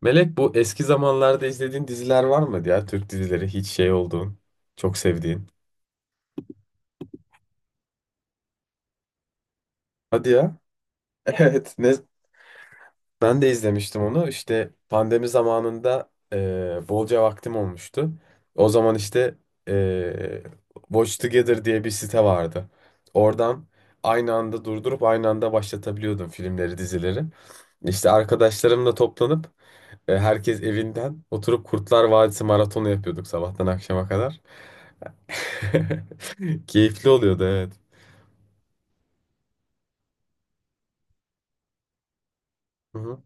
Melek, bu eski zamanlarda izlediğin diziler var mı ya? Türk dizileri hiç şey olduğun, çok sevdiğin. Hadi ya. Evet, ne, ben de izlemiştim onu. İşte pandemi zamanında bolca vaktim olmuştu. O zaman işte eee Watch Together diye bir site vardı. Oradan aynı anda durdurup aynı anda başlatabiliyordum filmleri, dizileri. İşte arkadaşlarımla toplanıp herkes evinden oturup Kurtlar Vadisi maratonu yapıyorduk sabahtan akşama kadar. Keyifli oluyordu, evet. Hı hı.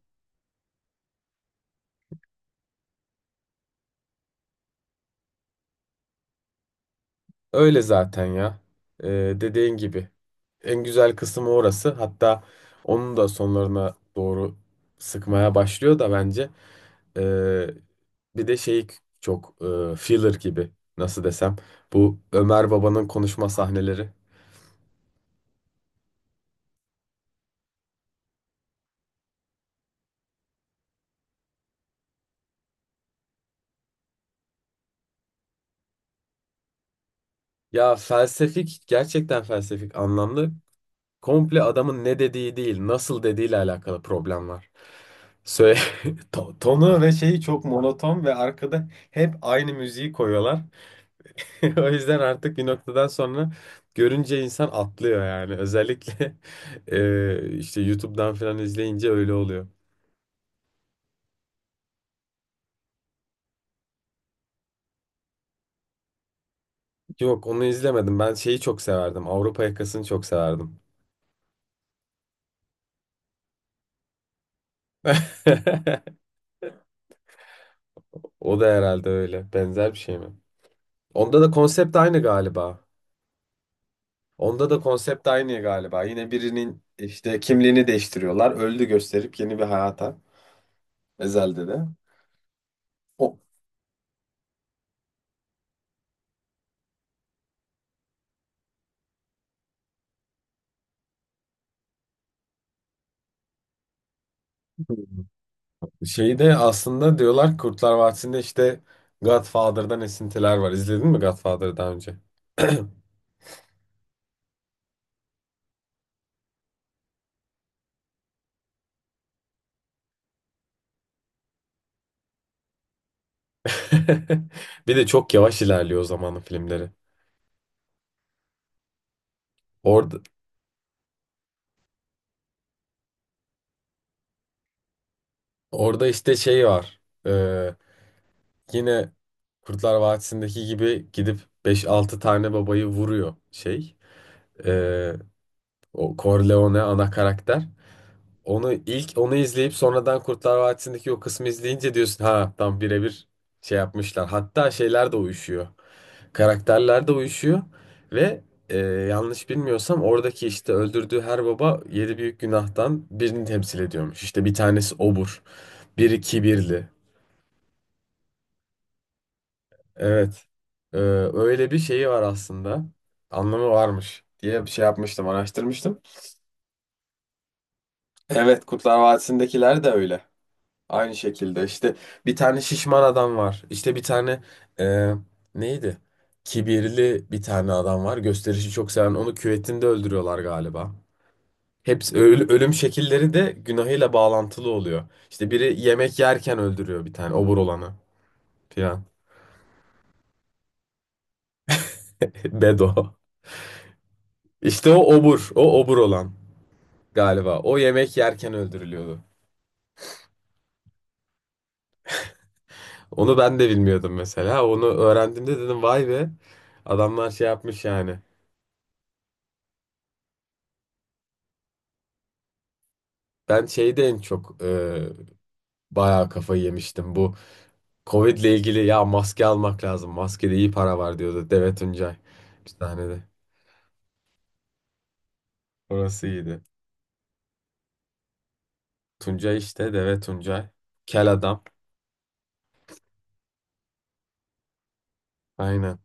Öyle zaten ya. Ee, Dediğin gibi. En güzel kısmı orası. Hatta onun da sonlarına doğru sıkmaya başlıyor da bence. Ee, Bir de şey, çok filler gibi, nasıl desem. Bu Ömer Baba'nın konuşma sahneleri. Ya, felsefik, gerçekten felsefik anlamlı. Komple adamın ne dediği değil, nasıl dediğiyle alakalı problem var. Söyle, tonu ve şeyi çok monoton ve arkada hep aynı müziği koyuyorlar. O yüzden artık bir noktadan sonra görünce insan atlıyor yani. Özellikle işte YouTube'dan falan izleyince öyle oluyor. Yok, onu izlemedim. Ben şeyi çok severdim. Avrupa Yakası'nı çok severdim. O da herhalde öyle. Benzer bir şey mi? Onda da konsept aynı galiba. Onda da konsept aynı galiba. Yine birinin işte kimliğini değiştiriyorlar. Öldü gösterip yeni bir hayata. Ezel'de de. O şeyi de aslında, diyorlar ki Kurtlar Vadisi'nde işte Godfather'dan esintiler var. İzledin mi Godfather'ı daha önce? Bir de çok yavaş ilerliyor o zamanın filmleri. Orada, orada işte şey var. Yine Kurtlar Vadisi'ndeki gibi gidip beş altı tane babayı vuruyor şey. Ee, O Corleone ana karakter. Onu izleyip sonradan Kurtlar Vadisi'ndeki o kısmı izleyince diyorsun ha, tam birebir şey yapmışlar. Hatta şeyler de uyuşuyor. Karakterler de uyuşuyor ve yanlış bilmiyorsam oradaki işte öldürdüğü her baba yedi büyük günahtan birini temsil ediyormuş. İşte bir tanesi obur, biri kibirli. Evet. Ee, Öyle bir şeyi var aslında. Anlamı varmış diye bir şey yapmıştım, araştırmıştım. Evet, Kurtlar Vadisi'ndekiler de öyle. Aynı şekilde işte bir tane şişman adam var. İşte bir tane e, neydi? Kibirli bir tane adam var. Gösterişi çok seven. Onu küvetinde öldürüyorlar galiba. Hepsi ölüm şekilleri de günahıyla bağlantılı oluyor. İşte biri yemek yerken öldürüyor bir tane obur olanı filan. Bedo. İşte o obur olan galiba. O yemek yerken öldürülüyordu. Onu ben de bilmiyordum mesela. Onu öğrendiğimde dedim vay be. Adamlar şey yapmış yani. Ben şeyde en çok bayağı kafayı yemiştim. Bu Covid ile ilgili ya, maske almak lazım. Maskede iyi para var, diyordu Deve Tuncay. Bir tane de. Orası iyiydi. Tuncay işte, Deve Tuncay. Kel adam. Aynen.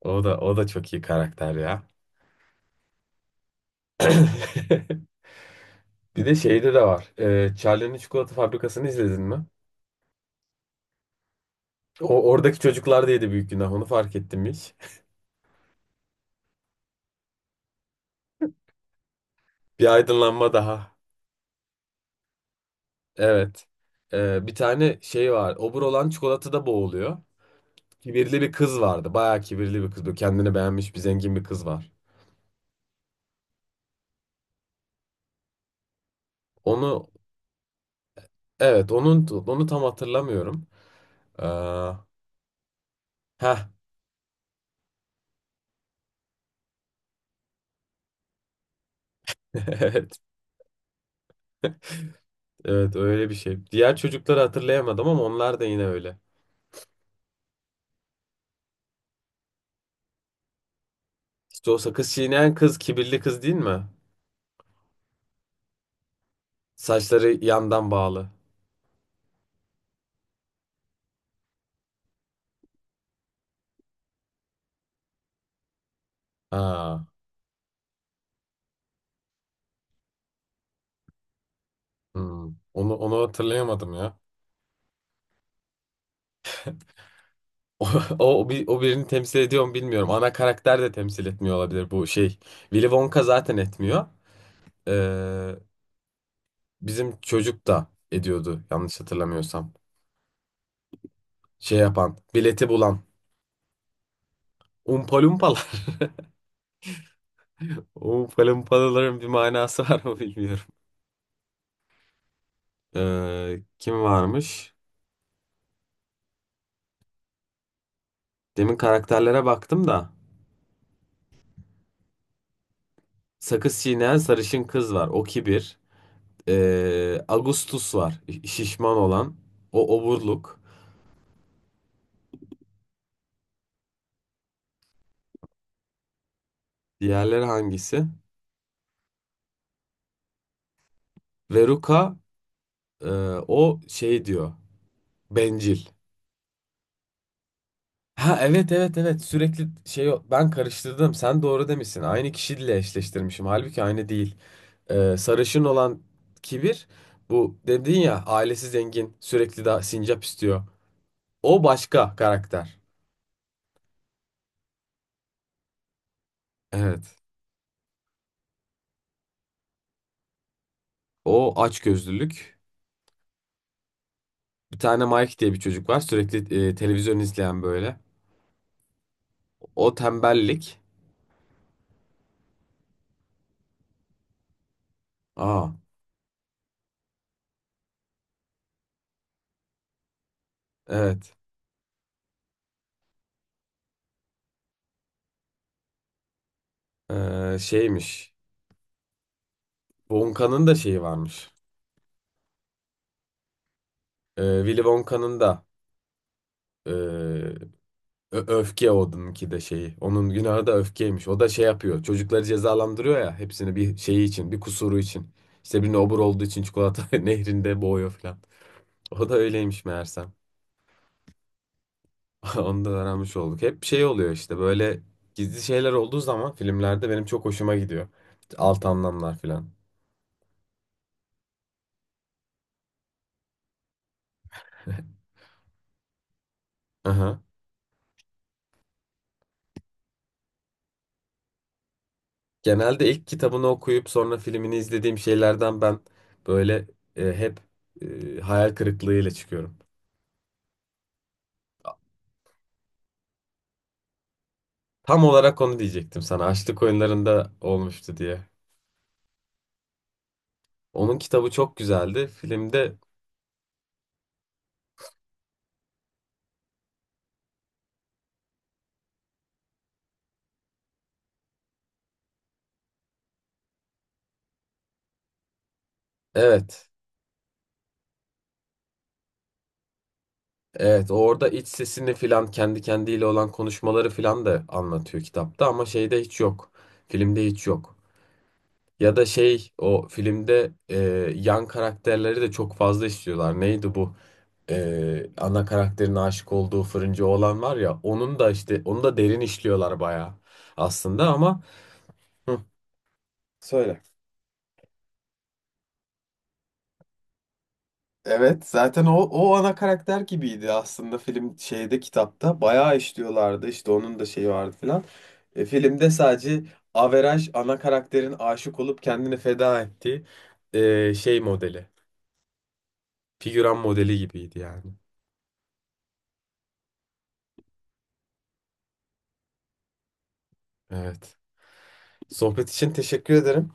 O da çok iyi karakter ya. Bir de şeyde de var. Charlie'nin çikolata fabrikasını izledin mi? O oradaki çocuklar da yedi büyük günah. Onu fark ettim hiç. Bir aydınlanma daha. Evet. Bir tane şey var. Obur olan çikolatada boğuluyor. Kibirli bir kız vardı. Bayağı kibirli bir kız. Böyle kendini beğenmiş bir zengin bir kız var. Onu, evet, onu tam hatırlamıyorum. Ha, evet, evet, öyle bir şey. Diğer çocukları hatırlayamadım ama onlar da yine öyle. İşte o sakız çiğneyen kız kibirli kız değil mi? Saçları yandan bağlı. Ha. Hmm. Onu hatırlayamadım ya. O, o birini temsil ediyor mu bilmiyorum. Ana karakter de temsil etmiyor olabilir bu şey. Willy Wonka zaten etmiyor. Ee, Bizim çocuk da ediyordu yanlış hatırlamıyorsam. Şey yapan, bileti bulan. Umpalumpalar. Umpalumpaların bir manası var mı bilmiyorum. Kim varmış? Demin karakterlere baktım da. Sakız çiğneyen sarışın kız var. O kibir. Agustus var. Şişman olan. O oburluk. Diğerleri hangisi? Veruka, e, o şey diyor. Bencil. Ha, evet, evet, evet, sürekli şey ben karıştırdım, sen doğru demişsin, aynı kişiyle eşleştirmişim halbuki aynı değil. Sarışın olan kibir, bu dedin ya, ailesi zengin, sürekli daha sincap istiyor, o başka karakter. Evet, o açgözlülük. Bir tane Mike diye bir çocuk var, sürekli televizyon izleyen böyle, o tembellik. Aa, evet. Şeymiş, Wonka'nın da şeyi varmış. Willy Wonka'nın da e, öfke, onunki de şeyi. Onun günahı da öfkeymiş. O da şey yapıyor. Çocukları cezalandırıyor ya. Hepsini bir şeyi için, bir kusuru için. İşte birine obur olduğu için çikolata nehrinde boğuyor falan. O da öyleymiş meğersem. Onu da öğrenmiş olduk. Hep şey oluyor işte, böyle gizli şeyler olduğu zaman filmlerde benim çok hoşuma gidiyor. Alt anlamlar falan. Aha. Genelde ilk kitabını okuyup sonra filmini izlediğim şeylerden ben böyle hep hayal kırıklığıyla çıkıyorum. Tam olarak onu diyecektim sana. Açlık Oyunları'nda olmuştu diye. Onun kitabı çok güzeldi. Filmde evet. Evet, orada iç sesini filan, kendi kendiyle olan konuşmaları filan da anlatıyor kitapta ama şeyde hiç yok. Filmde hiç yok. Ya da şey, o filmde yan karakterleri de çok fazla istiyorlar. Neydi bu? Ana karakterin aşık olduğu fırıncı oğlan var ya, onun da işte onu da derin işliyorlar bayağı aslında ama Hı, söyle. Evet zaten o ana karakter gibiydi aslında film şeyde, kitapta bayağı işliyorlardı işte, onun da şeyi vardı filan. Filmde sadece averaj ana karakterin aşık olup kendini feda ettiği şey modeli, figüran modeli gibiydi yani. Evet. Sohbet için teşekkür ederim.